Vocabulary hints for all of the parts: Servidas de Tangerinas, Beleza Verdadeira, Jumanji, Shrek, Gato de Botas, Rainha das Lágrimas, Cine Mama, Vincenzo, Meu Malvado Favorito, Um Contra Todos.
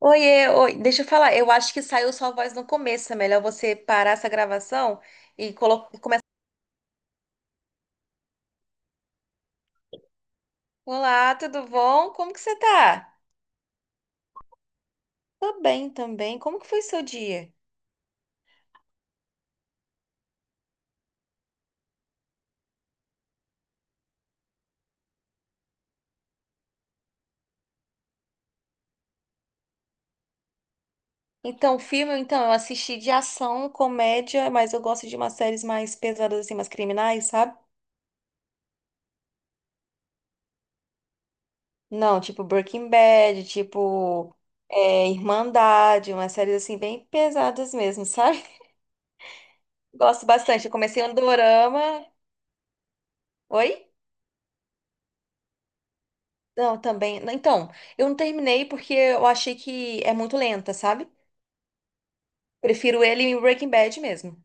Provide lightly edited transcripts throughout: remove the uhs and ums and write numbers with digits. Oiê, oi, deixa eu falar, eu acho que saiu sua voz no começo, é melhor você parar essa gravação e começar. Olá, tudo bom? Como que você tá? Tô bem também, como que foi seu dia? Então, filme, então, eu assisti de ação, comédia, mas eu gosto de umas séries mais pesadas, assim, mais criminais, sabe? Não, tipo Breaking Bad, tipo Irmandade, umas séries, assim, bem pesadas mesmo, sabe? Gosto bastante, eu comecei um dorama. Oi? Não, também. Então, eu não terminei porque eu achei que é muito lenta, sabe? Prefiro ele em Breaking Bad mesmo.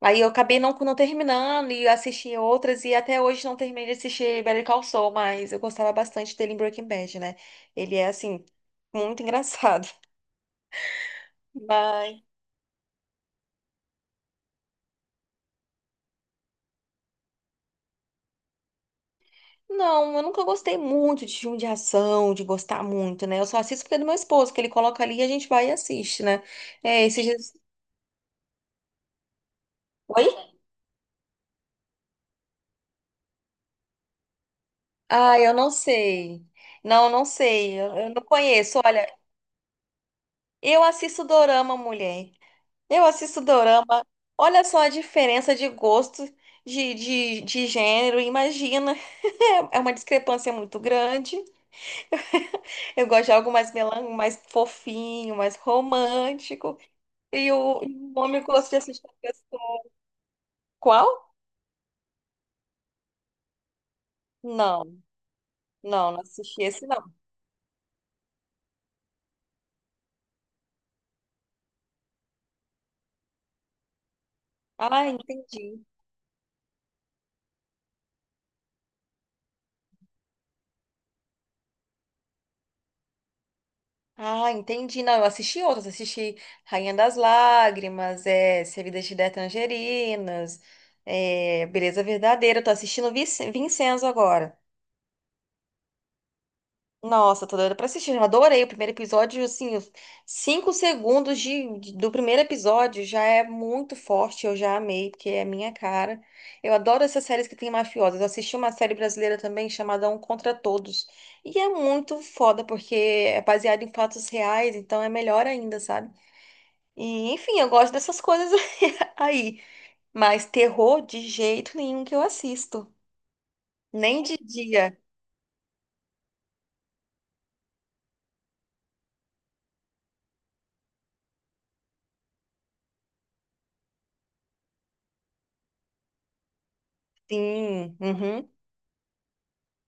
Aí eu acabei não terminando e assisti outras e até hoje não terminei de assistir Better Call Saul, mas eu gostava bastante dele em Breaking Bad, né? Ele é, assim, muito engraçado. Mas, não, eu nunca gostei muito de filme de ação, de gostar muito, né? Eu só assisto porque é do meu esposo, que ele coloca ali e a gente vai e assiste, né? É, esses dias. Oi? Ah, eu não sei. Não, não sei. Eu não conheço. Olha, eu assisto dorama, mulher. Eu assisto dorama. Olha só a diferença de gosto, de gênero. Imagina. É uma discrepância muito grande. Eu gosto de algo mais fofinho, mais romântico. E o homem gosta de assistir. Qual? Não, não, não assisti esse, não. Ah, entendi. Ah, entendi. Não, eu assisti outras. Assisti Rainha das Lágrimas, é, Servidas de Tangerinas, é, Beleza Verdadeira. Eu tô assistindo Vincenzo agora. Nossa, tô doida pra assistir. Eu adorei o primeiro episódio. Assim, os 5 segundos do primeiro episódio já é muito forte. Eu já amei, porque é a minha cara. Eu adoro essas séries que tem mafiosas. Eu assisti uma série brasileira também chamada Um Contra Todos. E é muito foda, porque é baseado em fatos reais, então é melhor ainda, sabe? E, enfim, eu gosto dessas coisas aí. Mas terror de jeito nenhum que eu assisto. Nem de dia. Sim. Uhum.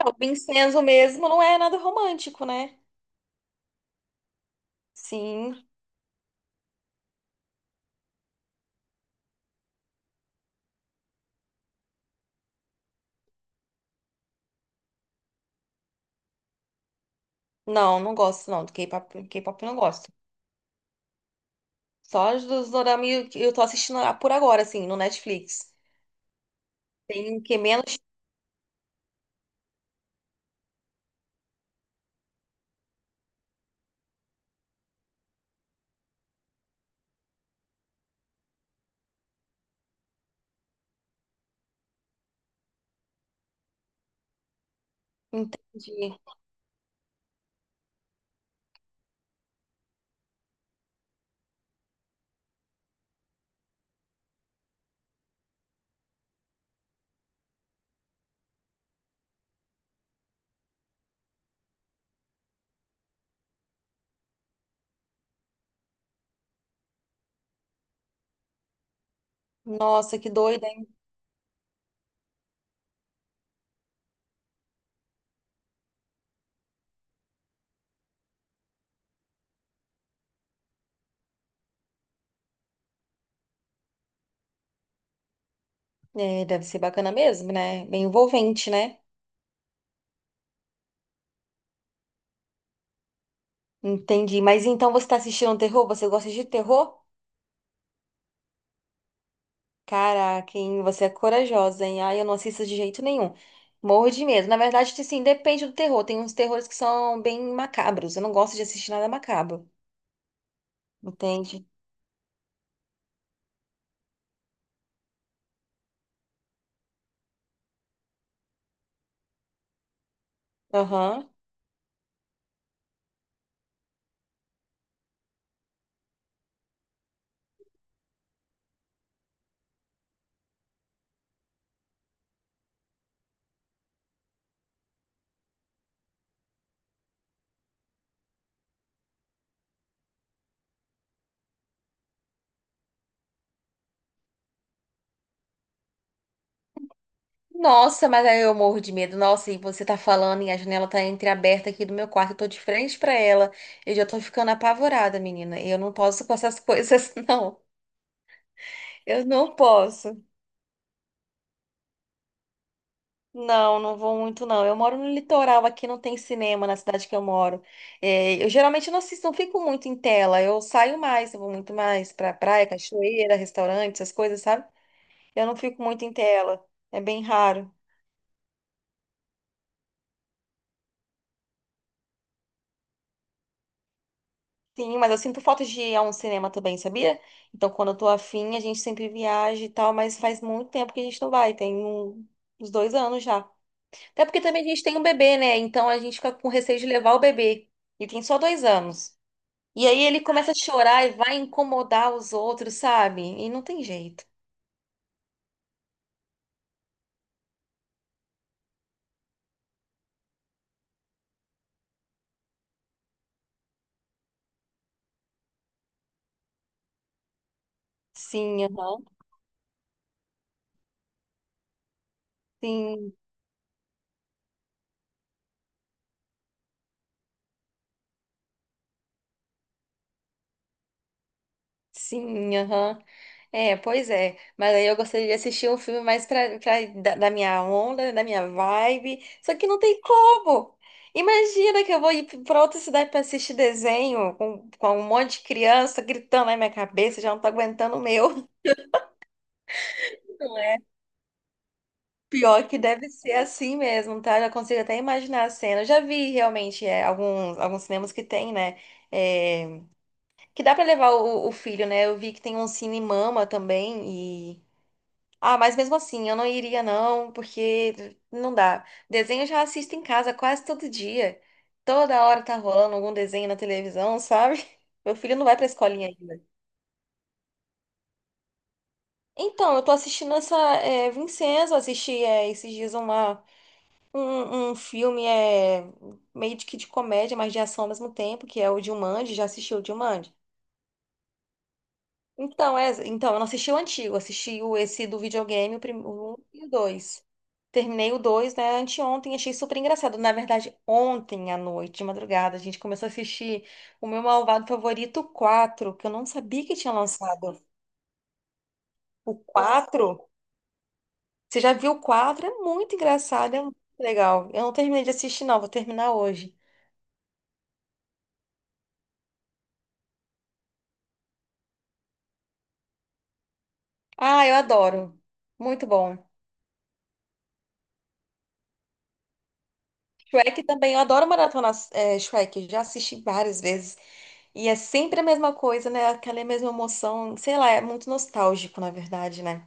É, o Vincenzo mesmo não é nada romântico, né? Sim. Não, não gosto não. Do K-pop, K-pop eu não gosto. Só os dos dorama que eu tô assistindo por agora, assim, no Netflix. Tem o que menos. Entendi. Nossa, que doida, hein? É, deve ser bacana mesmo, né? Bem envolvente, né? Entendi. Mas então você tá assistindo terror? Você gosta de terror? Caraca, hein? Você é corajosa, hein? Ai, eu não assisto de jeito nenhum. Morro de medo. Na verdade, tipo assim, depende do terror. Tem uns terrores que são bem macabros. Eu não gosto de assistir nada macabro. Entende? Aham. Nossa, mas aí eu morro de medo. Nossa, e você tá falando e a janela tá entreaberta aqui do meu quarto. Eu tô de frente pra ela. Eu já tô ficando apavorada, menina. Eu não posso com essas coisas, não. Eu não posso. Não, não vou muito, não. Eu moro no litoral, aqui não tem cinema na cidade que eu moro. É, eu geralmente não assisto, não fico muito em tela. Eu saio mais, eu vou muito mais pra praia, cachoeira, restaurante, essas coisas, sabe? Eu não fico muito em tela. É bem raro. Sim, mas eu sinto falta de ir a um cinema também, sabia? Então, quando eu tô afim, a gente sempre viaja e tal, mas faz muito tempo que a gente não vai, uns 2 anos já. Até porque também a gente tem um bebê, né? Então a gente fica com receio de levar o bebê. E tem só 2 anos. E aí ele começa a chorar e vai incomodar os outros, sabe? E não tem jeito. Sim, aham. Sim, sim, aham. É, pois é. Mas aí eu gostaria de assistir um filme mais da minha onda, da minha vibe. Só que não tem como. Imagina que eu vou ir pra outra cidade pra assistir desenho com um monte de criança gritando na minha cabeça, já não tô aguentando o meu. Pior que deve ser assim mesmo, tá? Eu já consigo até imaginar a cena. Eu já vi realmente é, alguns cinemas que tem, né? É, que dá pra levar o filho, né? Eu vi que tem um Cine Mama também. E ah, mas mesmo assim, eu não iria não, porque não dá. Desenho eu já assisto em casa quase todo dia. Toda hora tá rolando algum desenho na televisão, sabe? Meu filho não vai pra escolinha ainda. Então, eu tô assistindo essa Vincenzo, assisti esses dias uma. Um filme é meio de que de comédia, mas de ação ao mesmo tempo, que é o Jumanji. Já assistiu o Jumanji? Então, é, então, eu não assisti o antigo, assisti esse do videogame, o 1 e o 2. Terminei o 2 né, anteontem, achei super engraçado. Na verdade, ontem à noite, de madrugada, a gente começou a assistir o meu malvado favorito, o 4, que eu não sabia que tinha lançado. O 4. Você já viu o 4? É muito engraçado, é muito legal. Eu não terminei de assistir, não, vou terminar hoje. Ah, eu adoro. Muito bom. Shrek também, eu adoro maratona é, Shrek, já assisti várias vezes. E é sempre a mesma coisa, né? Aquela mesma emoção, sei lá, é muito nostálgico, na verdade, né?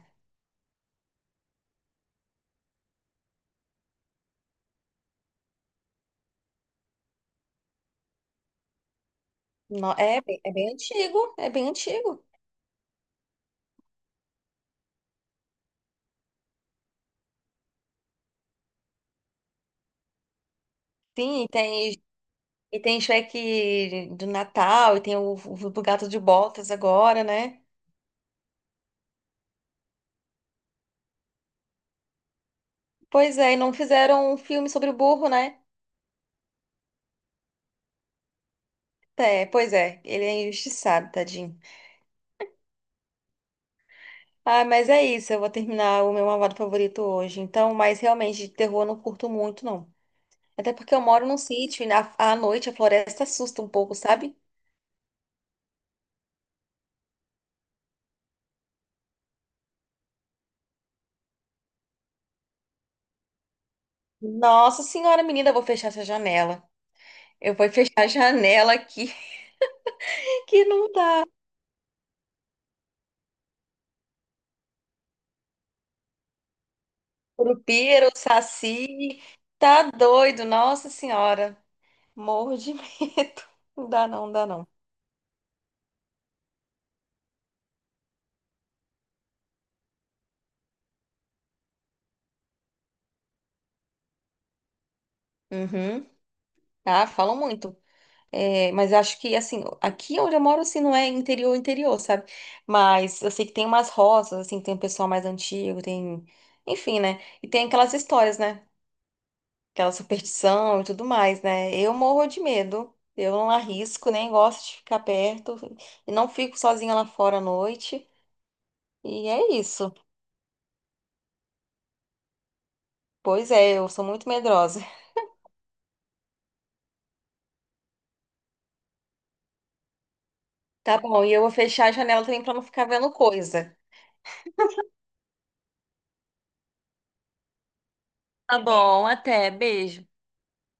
É bem antigo, é bem antigo. Sim, e tem Shrek do Natal, e tem o do Gato de Botas agora, né? Pois é, e não fizeram um filme sobre o burro, né? É, pois é, ele é injustiçado, tadinho. Ah, mas é isso. Eu vou terminar o meu malvado favorito hoje. Então, mas realmente de terror eu não curto muito, não. Até porque eu moro num sítio e à noite a floresta assusta um pouco, sabe? Nossa senhora, menina, eu vou fechar essa janela. Eu vou fechar a janela aqui, que não dá. Curupira, o saci, tá doido, nossa senhora. Morro de medo. Não dá não, não dá não. Uhum. Ah, falam muito. É, mas eu acho que, assim, aqui onde eu moro, assim, não é interior, interior, sabe? Mas eu sei que tem umas roças, assim, tem um pessoal mais antigo, tem. Enfim, né? E tem aquelas histórias, né? Aquela superstição e tudo mais, né? Eu morro de medo. Eu não arrisco, nem gosto de ficar perto. E não fico sozinha lá fora à noite. E é isso. Pois é, eu sou muito medrosa. Tá bom, e eu vou fechar a janela também pra não ficar vendo coisa. Tá bom, até. Beijo.